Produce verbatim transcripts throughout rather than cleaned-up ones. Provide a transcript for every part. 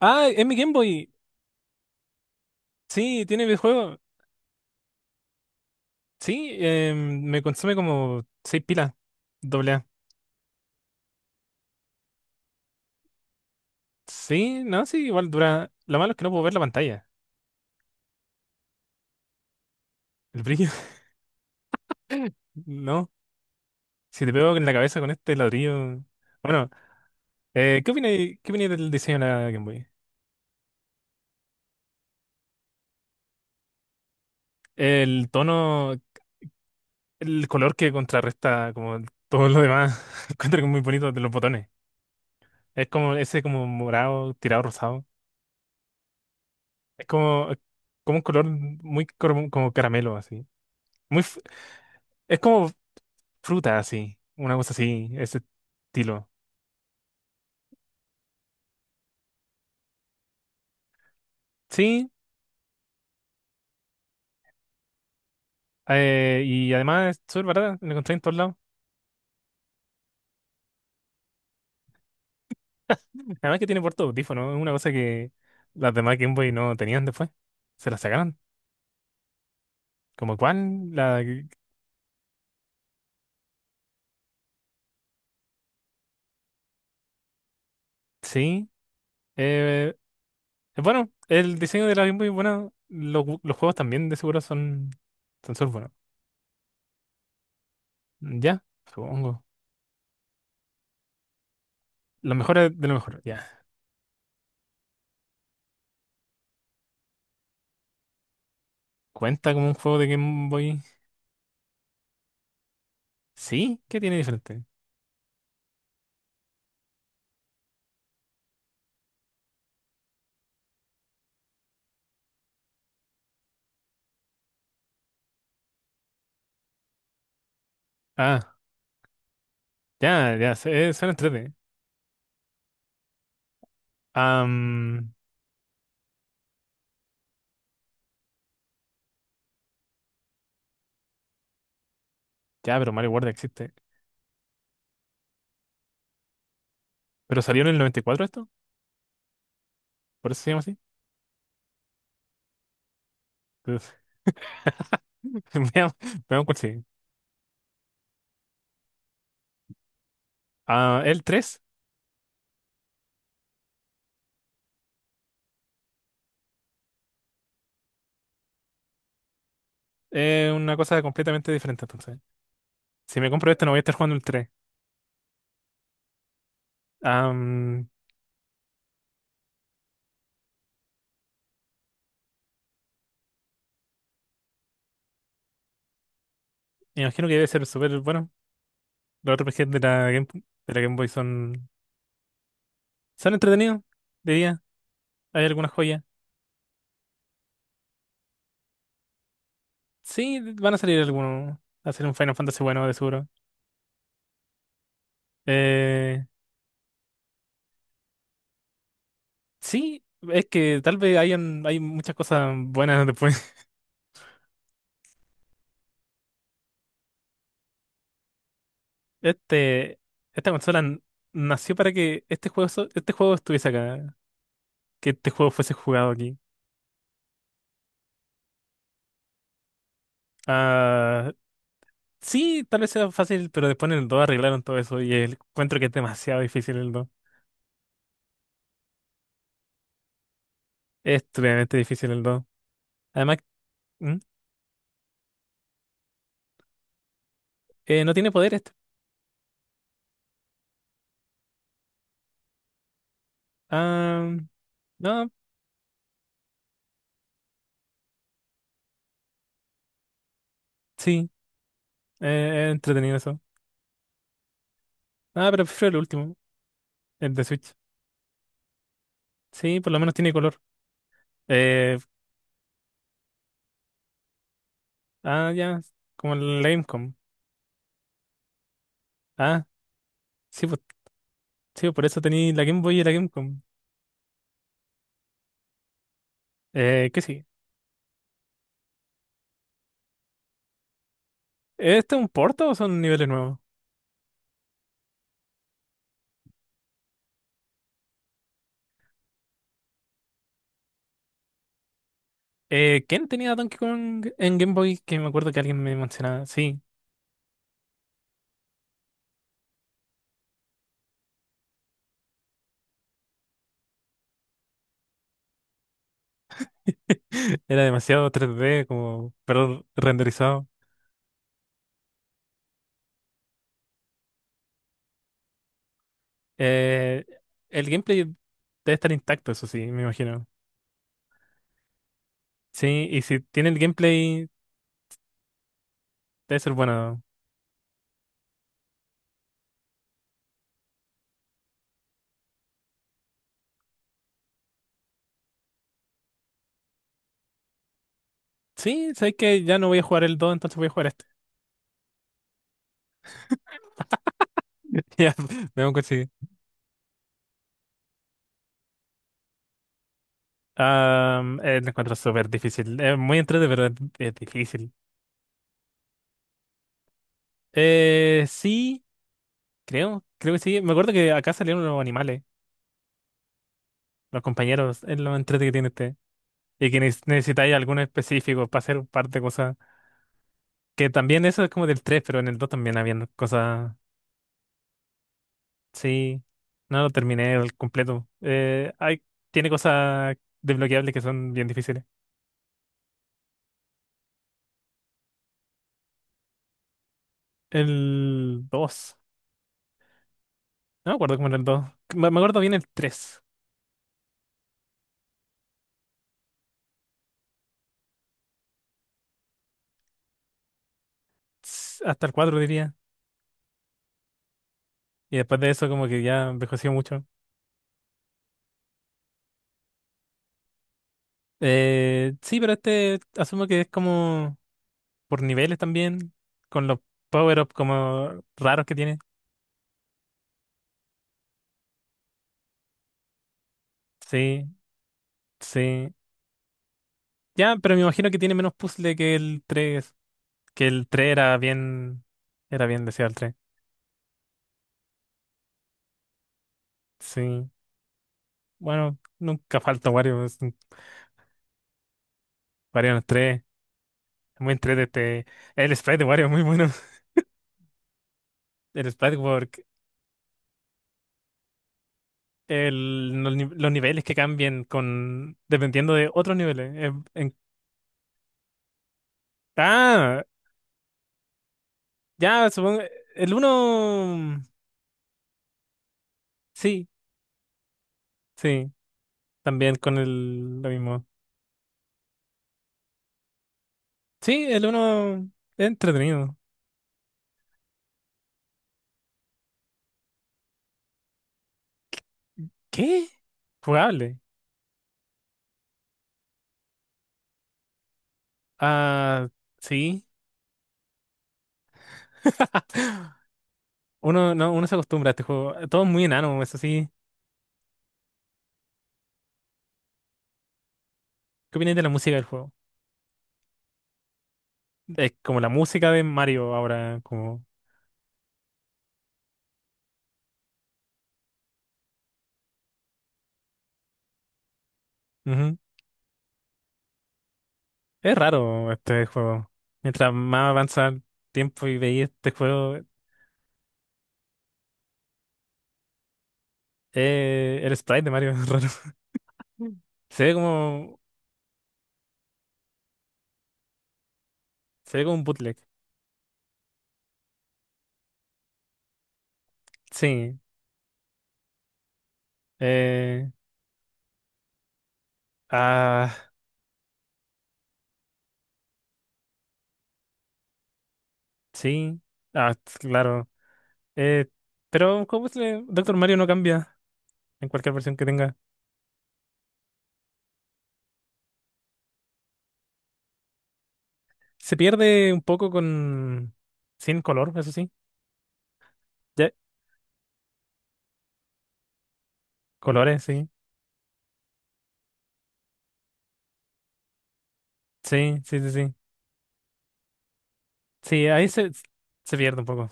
Ah, es mi Game Boy. Sí, tiene videojuego. Sí, eh, me consume como seis pilas, doble A. Sí, no, sí, igual dura. Lo malo es que no puedo ver la pantalla, el brillo. No, si te pego en la cabeza con este ladrillo. Bueno, eh, ¿qué opináis, qué opináis del diseño de la Game Boy? El tono, el color que contrarresta como todo lo demás. Encuentro que es muy bonito de los botones. Es como ese como morado, tirado rosado. Es como, como un color muy como, como caramelo, así. Muy, f- es como fruta así, una cosa así, ese estilo. Sí, eh, y además es súper barata, la encontré en todos lados. Además que tiene puerto de audífono, es una cosa que las demás Game Boy no tenían después. Se la sacaron. Como cuál la... Sí. Eh, es bueno, el diseño de la Game Boy es bueno. Los, gu- los juegos también de seguro son son súper buenos. Ya, supongo. Lo mejor es de lo mejor, ya. ¿Cuenta como un juego de Game Boy? Sí, ¿qué tiene diferente? Ah, ya, ya, se- eh, suena 3. Am, ya, pero Mario World existe. ¿Pero salió en el noventa y cuatro esto? ¿Por eso se llama así? Entonces, Veamos, veamos cuál sigue. Ah, el tres es una cosa completamente diferente, entonces. Si me compro este, no voy a estar jugando el tres. Am, Me imagino que debe ser súper bueno. Los R P Gs de la Game, de la Game Boy son, son entretenidos, diría. Hay algunas joyas. Sí, van a salir algunos. Va a ser un Final Fantasy bueno, de seguro. Eh, sí, es que tal vez hayan, hay muchas cosas buenas después. Este, esta consola n- nació para que este juego, so- este juego estuviese acá, que este juego fuese jugado aquí. Ah, sí, tal vez sea fácil, pero después en el dos arreglaron todo eso y el, encuentro que es demasiado difícil el dos. Es tremendamente difícil el dos. Además, ¿Mm? eh, no tiene poder este. Ah, no, sí, eh, es entretenido eso. Ah, pero prefiero el último, el de Switch. Sí, por lo menos tiene color. Eh, ah, ya, como el Gamecom. Ah, sí, pues, sí, por eso tenía la Game Boy y la Gamecom. Eh, que sí. ¿Este es un porto o son niveles nuevos? Eh, ¿quién tenía Donkey Kong en Game Boy? Que me acuerdo que alguien me mencionaba. Sí. Era demasiado tres D, como, pero renderizado. Eh, el gameplay debe estar intacto, eso sí, me imagino. Sí, y si tiene el gameplay, debe ser bueno. Sí, sabes que ya no voy a jugar el dos entonces voy a jugar este. Ya, vemos que sí. Ah, eh, lo encuentro súper difícil. Es muy entretenido, pero es, es difícil. Eh, sí. Creo, creo que sí. Me acuerdo que acá salieron los animales, los compañeros, es lo entrete que tiene este. Y que neces- necesitáis alguno específico para hacer un par de cosas. Que también eso es como del tres pero en el dos también habían cosas. Sí, no lo terminé el completo. Eh, hay, tiene cosas desbloqueables que son bien difíciles. El dos no me acuerdo cómo era el dos. Me, me acuerdo bien el tres. S- hasta el cuatro diría. Y después de eso como que ya envejeció mucho. Eh, sí, pero este asumo que es como por niveles también, con los power-ups como raros que tiene. Sí, sí. Ya, pero me imagino que tiene menos puzzle que el tres. Que el tres era bien, era bien deseado el tres. Sí. Bueno, nunca falta Wario, es un- Wario en el tres. Es muy entrete este. El sprite de Wario es muy bueno. El sprite work. El, los, ni- los niveles que cambian con dependiendo de otros niveles. Eh, en- ah, ya, supongo. El uno. Sí, sí. También con el lo mismo. Sí, el uno es entretenido. ¿Qué? Jugable. Ah, sí. Uno no, uno se acostumbra a este juego. Todo es muy enano, eso sí. ¿Qué opinas de la música del juego? Es como la música de Mario ahora, como. Ujú. Es raro este juego. Mientras más avanza el tiempo y veis este juego, eh, el sprite de Mario es raro. Se ve como. Se ve como un bootleg. Sí. Eh, ah, sí, ah, t- claro. Eh, pero ¿cómo se le- Doctor Mario no cambia en cualquier versión que tenga. Se pierde un poco con... Sin color, eso sí. Ya, colores, sí. Sí, sí, sí, sí. Sí, ahí se, se pierde un poco.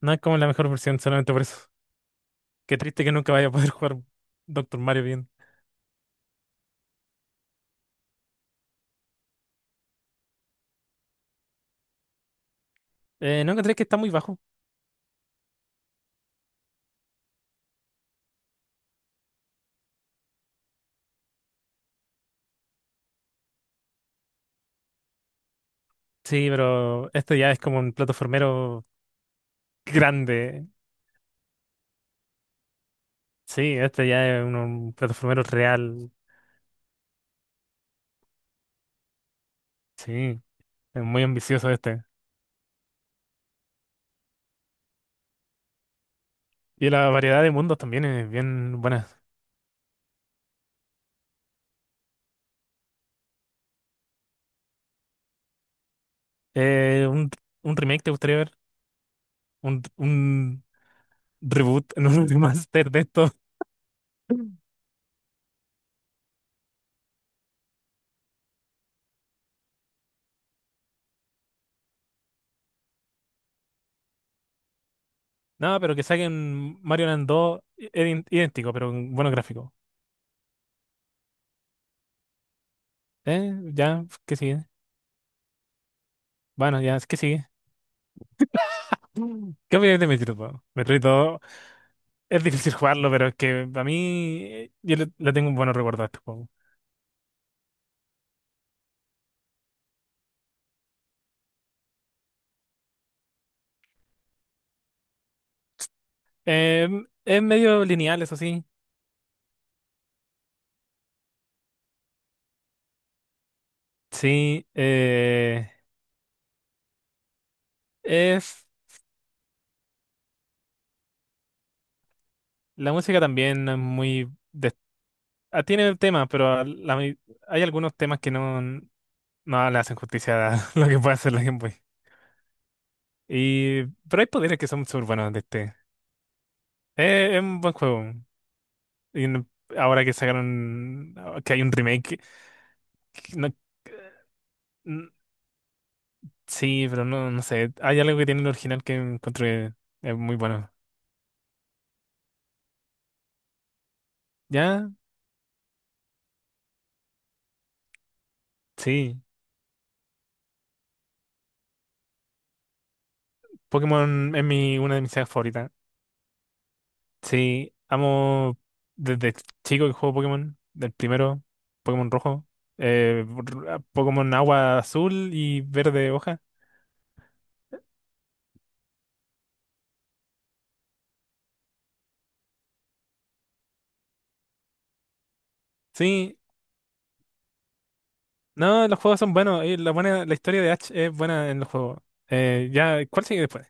No es como la mejor versión, solamente por eso. Qué triste que nunca vaya a poder jugar Doctor Mario bien. Eh, ¿no encontré que está muy bajo? Sí, pero este ya es como un plataformero grande. Sí, este ya es un, un plataformero real. Sí, es muy ambicioso este. Y la variedad de mundos también es bien buena. Eh, un, un remake te gustaría ver, un, un reboot, no, un remaster de esto. No, pero que saquen Mario Land dos i- idén- idéntico, pero con buenos gráficos. ¿Eh? Ya, ¿qué sigue? Bueno, ya, ¿qué sigue? Mm. ¿Qué opináis de Metroid dos? Metroid dos es difícil jugarlo, pero es que a mí eh, yo le, le tengo un buen recuerdo a este juego. Em, es medio lineal, eso sí. Sí, eh, es... La música también es muy... Ah, tiene temas, pero a la mi- hay algunos temas que no, no le hacen justicia a lo que puede hacer la Game Boy. Y, pero hay poderes que son súper buenos de este. Eh, es un buen juego. Y no- Ahora que sacaron, que hay un remake, que no- mm, sí, pero no, no sé. Hay algo que tiene el original que encontré es muy bueno. ¿Ya? Sí. Pokémon es mi, una de mis sagas favoritas. Sí, amo desde chico que juego Pokémon, del primero, Pokémon rojo, eh, r- ah, Pokémon agua azul y verde hoja. Sí, no, los juegos son buenos, y la buena, la historia de Ash es buena en los juegos. Eh, ya, ¿cuál sigue después?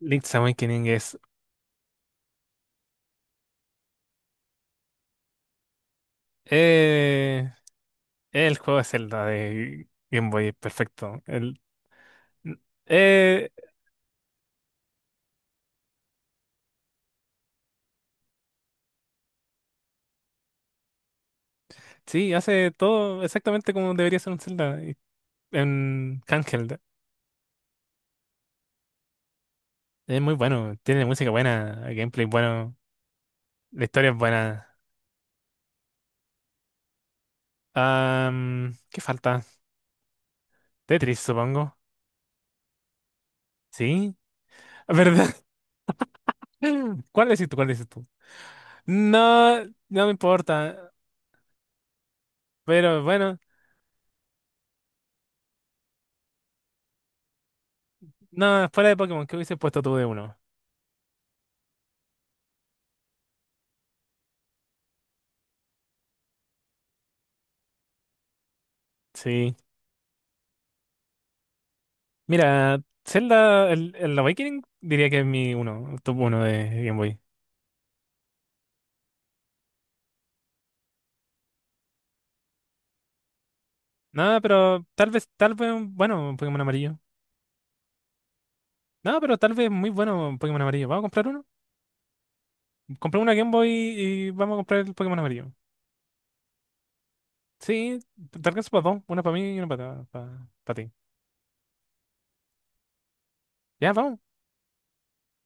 Link's Awakening es eh, el juego de Zelda de Game Boy, perfecto. El, eh, sí, hace todo exactamente como debería ser un Zelda, y- en handheld. Es muy bueno, tiene música buena, gameplay bueno, la historia es buena. Am, ¿qué falta? Tetris, supongo. ¿Sí? ¿Verdad? ¿Cuál decís tú? ¿Cuál decís tú? No, no me importa. Pero bueno, no, fuera de Pokémon, ¿qué hubiese puesto tú de uno? Sí. Mira, Zelda, el, el Awakening diría que es mi uno, top uno de Game Boy. No, pero tal vez, tal vez, un- bueno, un Pokémon amarillo. No, pero tal vez muy bueno un Pokémon amarillo. ¿Vamos a comprar uno? Compré una Game Boy y vamos a comprar el Pokémon amarillo. Sí, te alcanzo para dos. Una para mí y una para ti. Ya, vamos.